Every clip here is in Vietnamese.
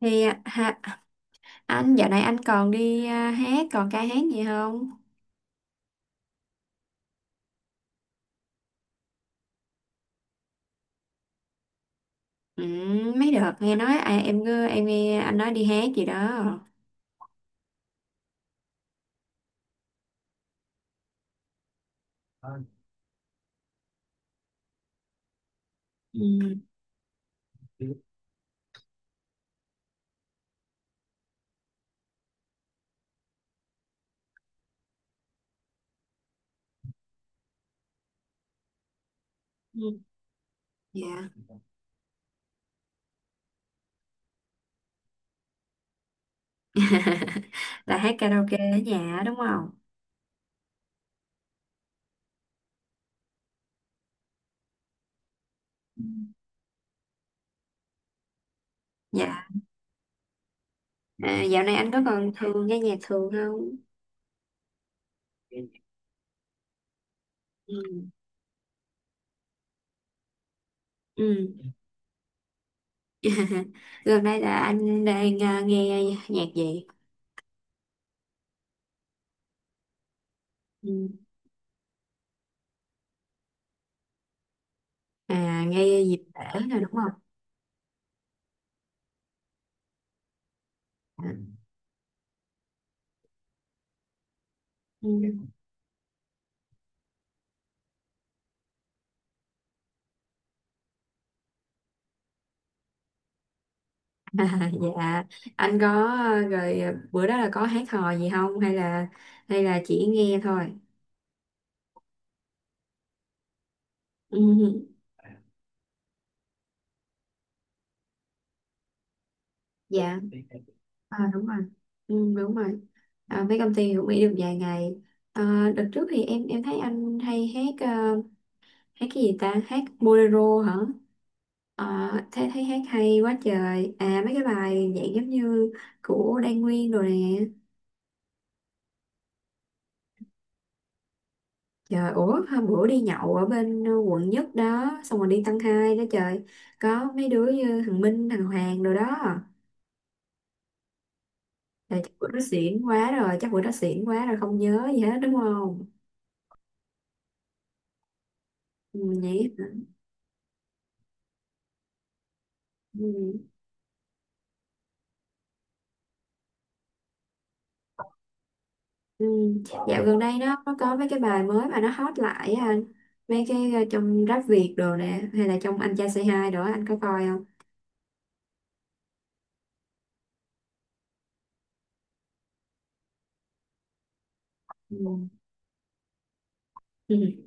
Thì à, ha, anh dạo này anh còn đi à, hát còn ca hát gì không? Ừ, mấy đợt nghe nói à, em nghe anh nói đi hát gì đó. Ừ. Ừ, dạ. Là hát karaoke ở nhà á, đúng không? Ừ. Dạ. À, dạo này anh có còn thường nghe nhạc thường không? Ừ. Ừ. Gần đây là anh đang nghe nhạc gì? Ừ. À, nghe dịp lễ rồi đúng không? Ừ. À, dạ anh có rồi bữa đó là có hát hò gì không, hay là chỉ nghe thôi? Ừ, dạ. À, đúng rồi. Ừ, đúng rồi. À, mấy công ty cũng nghỉ được vài ngày. À, đợt trước thì em thấy anh hay hát hát cái gì ta, hát bolero hả? À, thấy thấy hát hay quá trời à, mấy cái bài dạng giống như của Đan Nguyên rồi nè. Trời, ủa hôm bữa đi nhậu ở bên quận nhất đó. Xong rồi đi tăng hai đó trời. Có mấy đứa như thằng Minh, thằng Hoàng rồi đó. Trời, chắc bữa đó xỉn quá rồi không nhớ gì hết đúng không? Ừ, vậy hả? Ừ. Ừ. Dạo gần đây nó có mấy cái bài mới mà nó hot lại á anh. Mấy cái trong Rap Việt đồ nè, hay là trong Anh Trai Say Hi đó anh có coi không? Ừ. Ừ.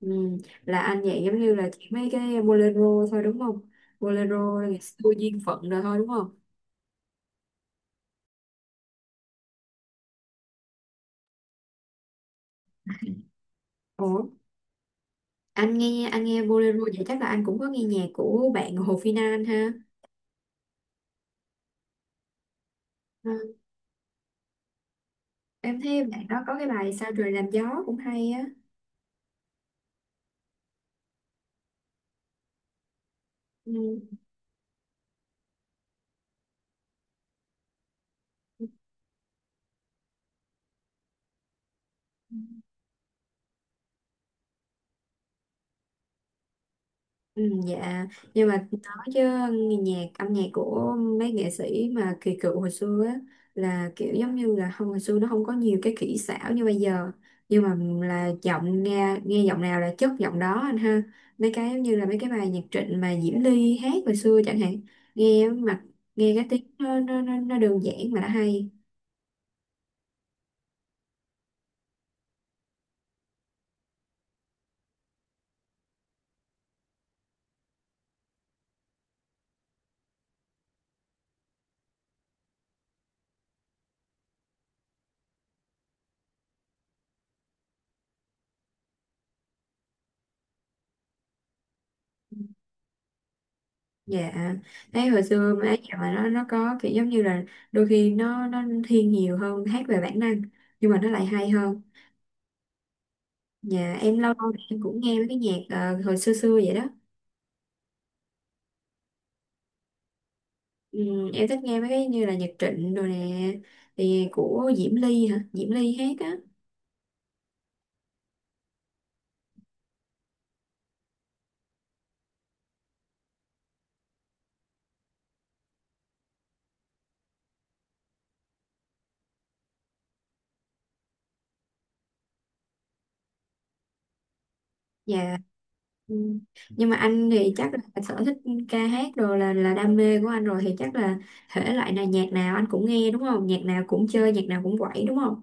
Ừ. Là anh vậy giống như là chỉ mấy cái bolero thôi đúng không? Bolero là ngày xưa duyên phận rồi thôi đúng không? Ủa, anh nghe bolero vậy chắc là anh cũng có nghe nhạc của bạn Hồ Phi Nan ha. Ừ, em thấy bạn đó có cái bài Sao trời làm gió cũng hay á. Ừ. Ừ, dạ, nhưng mà nói chứ âm nhạc của mấy nghệ sĩ mà kỳ cựu hồi xưa á, là kiểu giống như là không, hồi xưa nó không có nhiều cái kỹ xảo như bây giờ, nhưng mà là giọng nghe nghe giọng nào là chất giọng đó anh ha. Mấy cái giống như là mấy cái bài nhạc Trịnh mà Diễm Ly hát hồi xưa chẳng hạn, nghe mặt, nghe cái tiếng nó đơn giản mà đã hay. Dạ, thấy hồi xưa mấy cái nhạc mà nó có kiểu giống như là đôi khi nó thiên nhiều hơn hát về bản năng, nhưng mà nó lại hay hơn. Nhà em lâu lâu thì em cũng nghe mấy cái nhạc hồi xưa xưa vậy đó. Em thích nghe mấy cái như là nhạc Trịnh rồi nè. Thì của Diễm Ly hả? Diễm Ly hát á. Dạ. Ừm, nhưng mà anh thì chắc là sở thích ca hát rồi là đam mê của anh rồi. Thì chắc là thể loại này nhạc nào anh cũng nghe đúng không? Nhạc nào cũng chơi, nhạc nào cũng quẩy đúng không?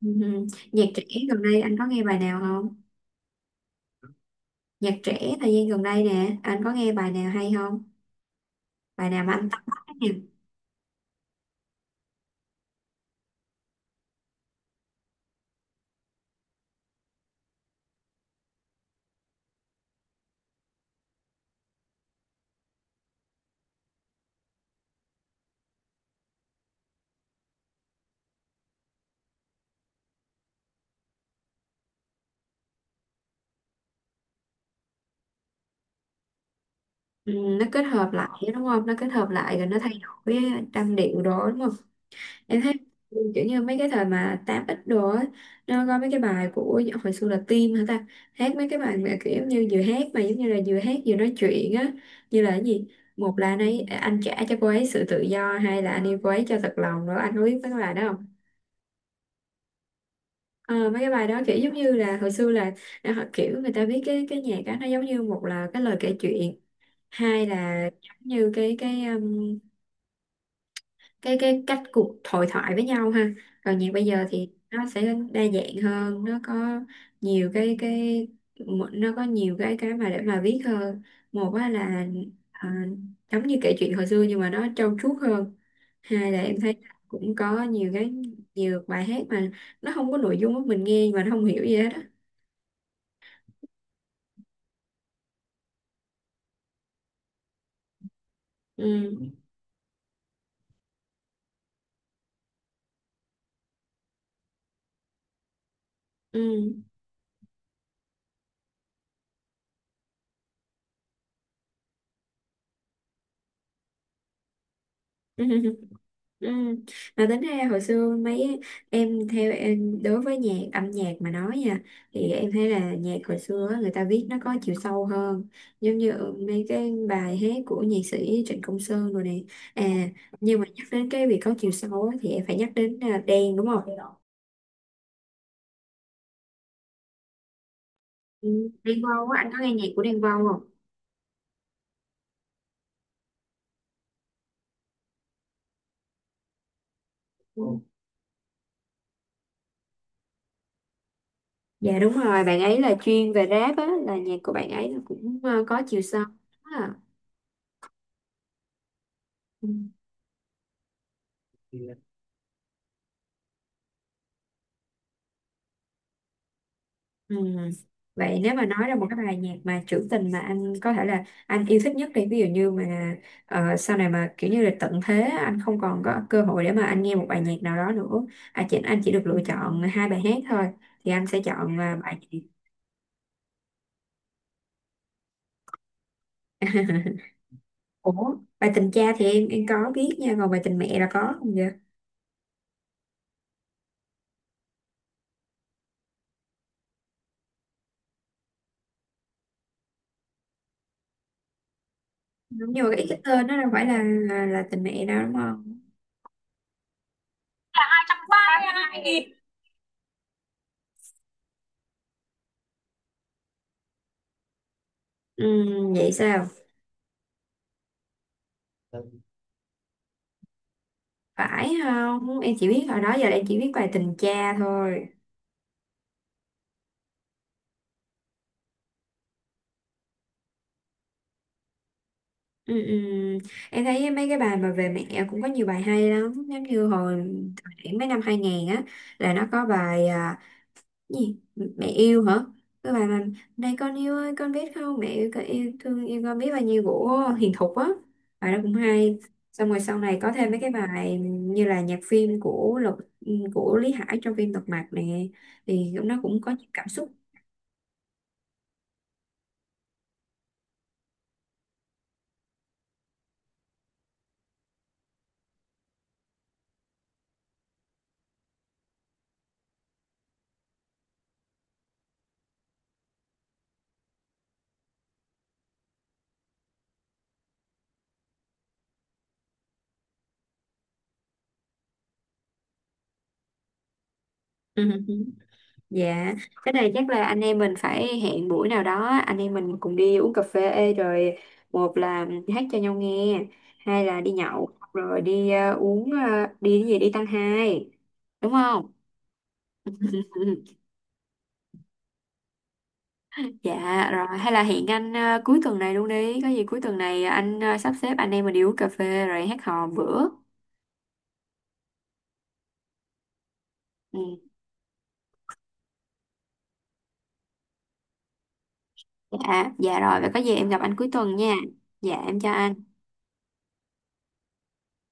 Ừm, Nhạc trẻ gần đây anh có nghe bài nào không? Nhạc trẻ thời gian gần đây nè, anh có nghe bài nào hay không? Bài nào mà anh tâm đắc? Ừ, nó kết hợp lại đúng không, nó kết hợp lại rồi nó thay đổi trăm điệu đó đúng không? Em thấy kiểu như mấy cái thời mà tám x đồ á, nó có mấy cái bài của hồi xưa là Tim hả ta, hát mấy cái bài mà kiểu như vừa hát mà giống như là vừa hát vừa nói chuyện á, như là cái gì, một là anh ấy à, anh trả cho cô ấy sự tự do, hai là anh yêu cô ấy cho thật lòng rồi, anh có biết mấy cái bài đó không? Ờ, mấy cái bài đó kiểu giống như là hồi xưa là họ kiểu người ta viết cái nhạc á, nó giống như một là cái lời kể chuyện, hai là giống như cái cách cuộc hội thoại với nhau ha, rồi nhạc bây giờ thì nó sẽ đa dạng hơn, nó có nhiều cái, nó có nhiều cái mà để mà viết hơn, một á là à, giống như kể chuyện hồi xưa nhưng mà nó trau chuốt hơn, hai là em thấy cũng có nhiều cái, nhiều bài hát mà nó không có nội dung á, mình nghe mà nó không hiểu gì hết á. Ừ. Ừ. Ừ. Mà tính ra hồi xưa mấy, em theo em đối với âm nhạc mà nói nha, thì em thấy là nhạc hồi xưa á, người ta viết nó có chiều sâu hơn, giống như mấy cái bài hát của nhạc sĩ Trịnh Công Sơn rồi này à, nhưng mà nhắc đến cái việc có chiều sâu á, thì em phải nhắc đến à, Đen đúng không? Ừ. Đen Vâu á, anh có nghe nhạc của Đen Vâu không? Ừ. Dạ đúng rồi, bạn ấy là chuyên về rap á, là nhạc của bạn ấy là cũng à, có chiều sâu. Đúng. À. Ừ. Ừ. Vậy nếu mà nói ra một cái bài nhạc mà trữ tình mà anh có thể là anh yêu thích nhất đi, ví dụ như mà sau này mà kiểu như là tận thế anh không còn có cơ hội để mà anh nghe một bài nhạc nào đó nữa, à, anh chỉ được lựa chọn hai bài hát thôi, thì anh sẽ chọn bài gì? Ủa bài tình cha thì em có biết nha, còn bài tình mẹ là có không vậy? Đúng, nhưng mà cái tên nó đâu phải là tình mẹ đâu đúng không? Ừ, vậy sao, phải không, em chỉ biết hồi đó giờ là em chỉ biết bài tình cha thôi. Ừ, ừ. Em thấy mấy cái bài mà về mẹ cũng có nhiều bài hay lắm, giống như hồi thời điểm mấy năm 2000 á, là nó có bài à, gì mẹ yêu hả, cái bài mà này con yêu ơi con biết không mẹ yêu con yêu thương yêu con biết bao nhiêu của Hiền Thục á, bài đó cũng hay. Xong rồi sau này có thêm mấy cái bài như là nhạc phim của Lý Hải trong phim Lật Mặt nè, thì nó cũng có những cảm xúc. Ừ. Dạ, cái này chắc là anh em mình phải hẹn buổi nào đó anh em mình cùng đi uống cà phê ê, rồi một là hát cho nhau nghe, hai là đi nhậu rồi đi uống đi cái gì đi tăng hai, đúng không? Ừ. Dạ rồi, hay là hẹn anh cuối tuần này luôn đi, có gì cuối tuần này anh sắp xếp anh em mình đi uống cà phê rồi hát hò bữa. Ừ. Dạ, dạ rồi, vậy có gì em gặp anh cuối tuần nha. Dạ em chào anh.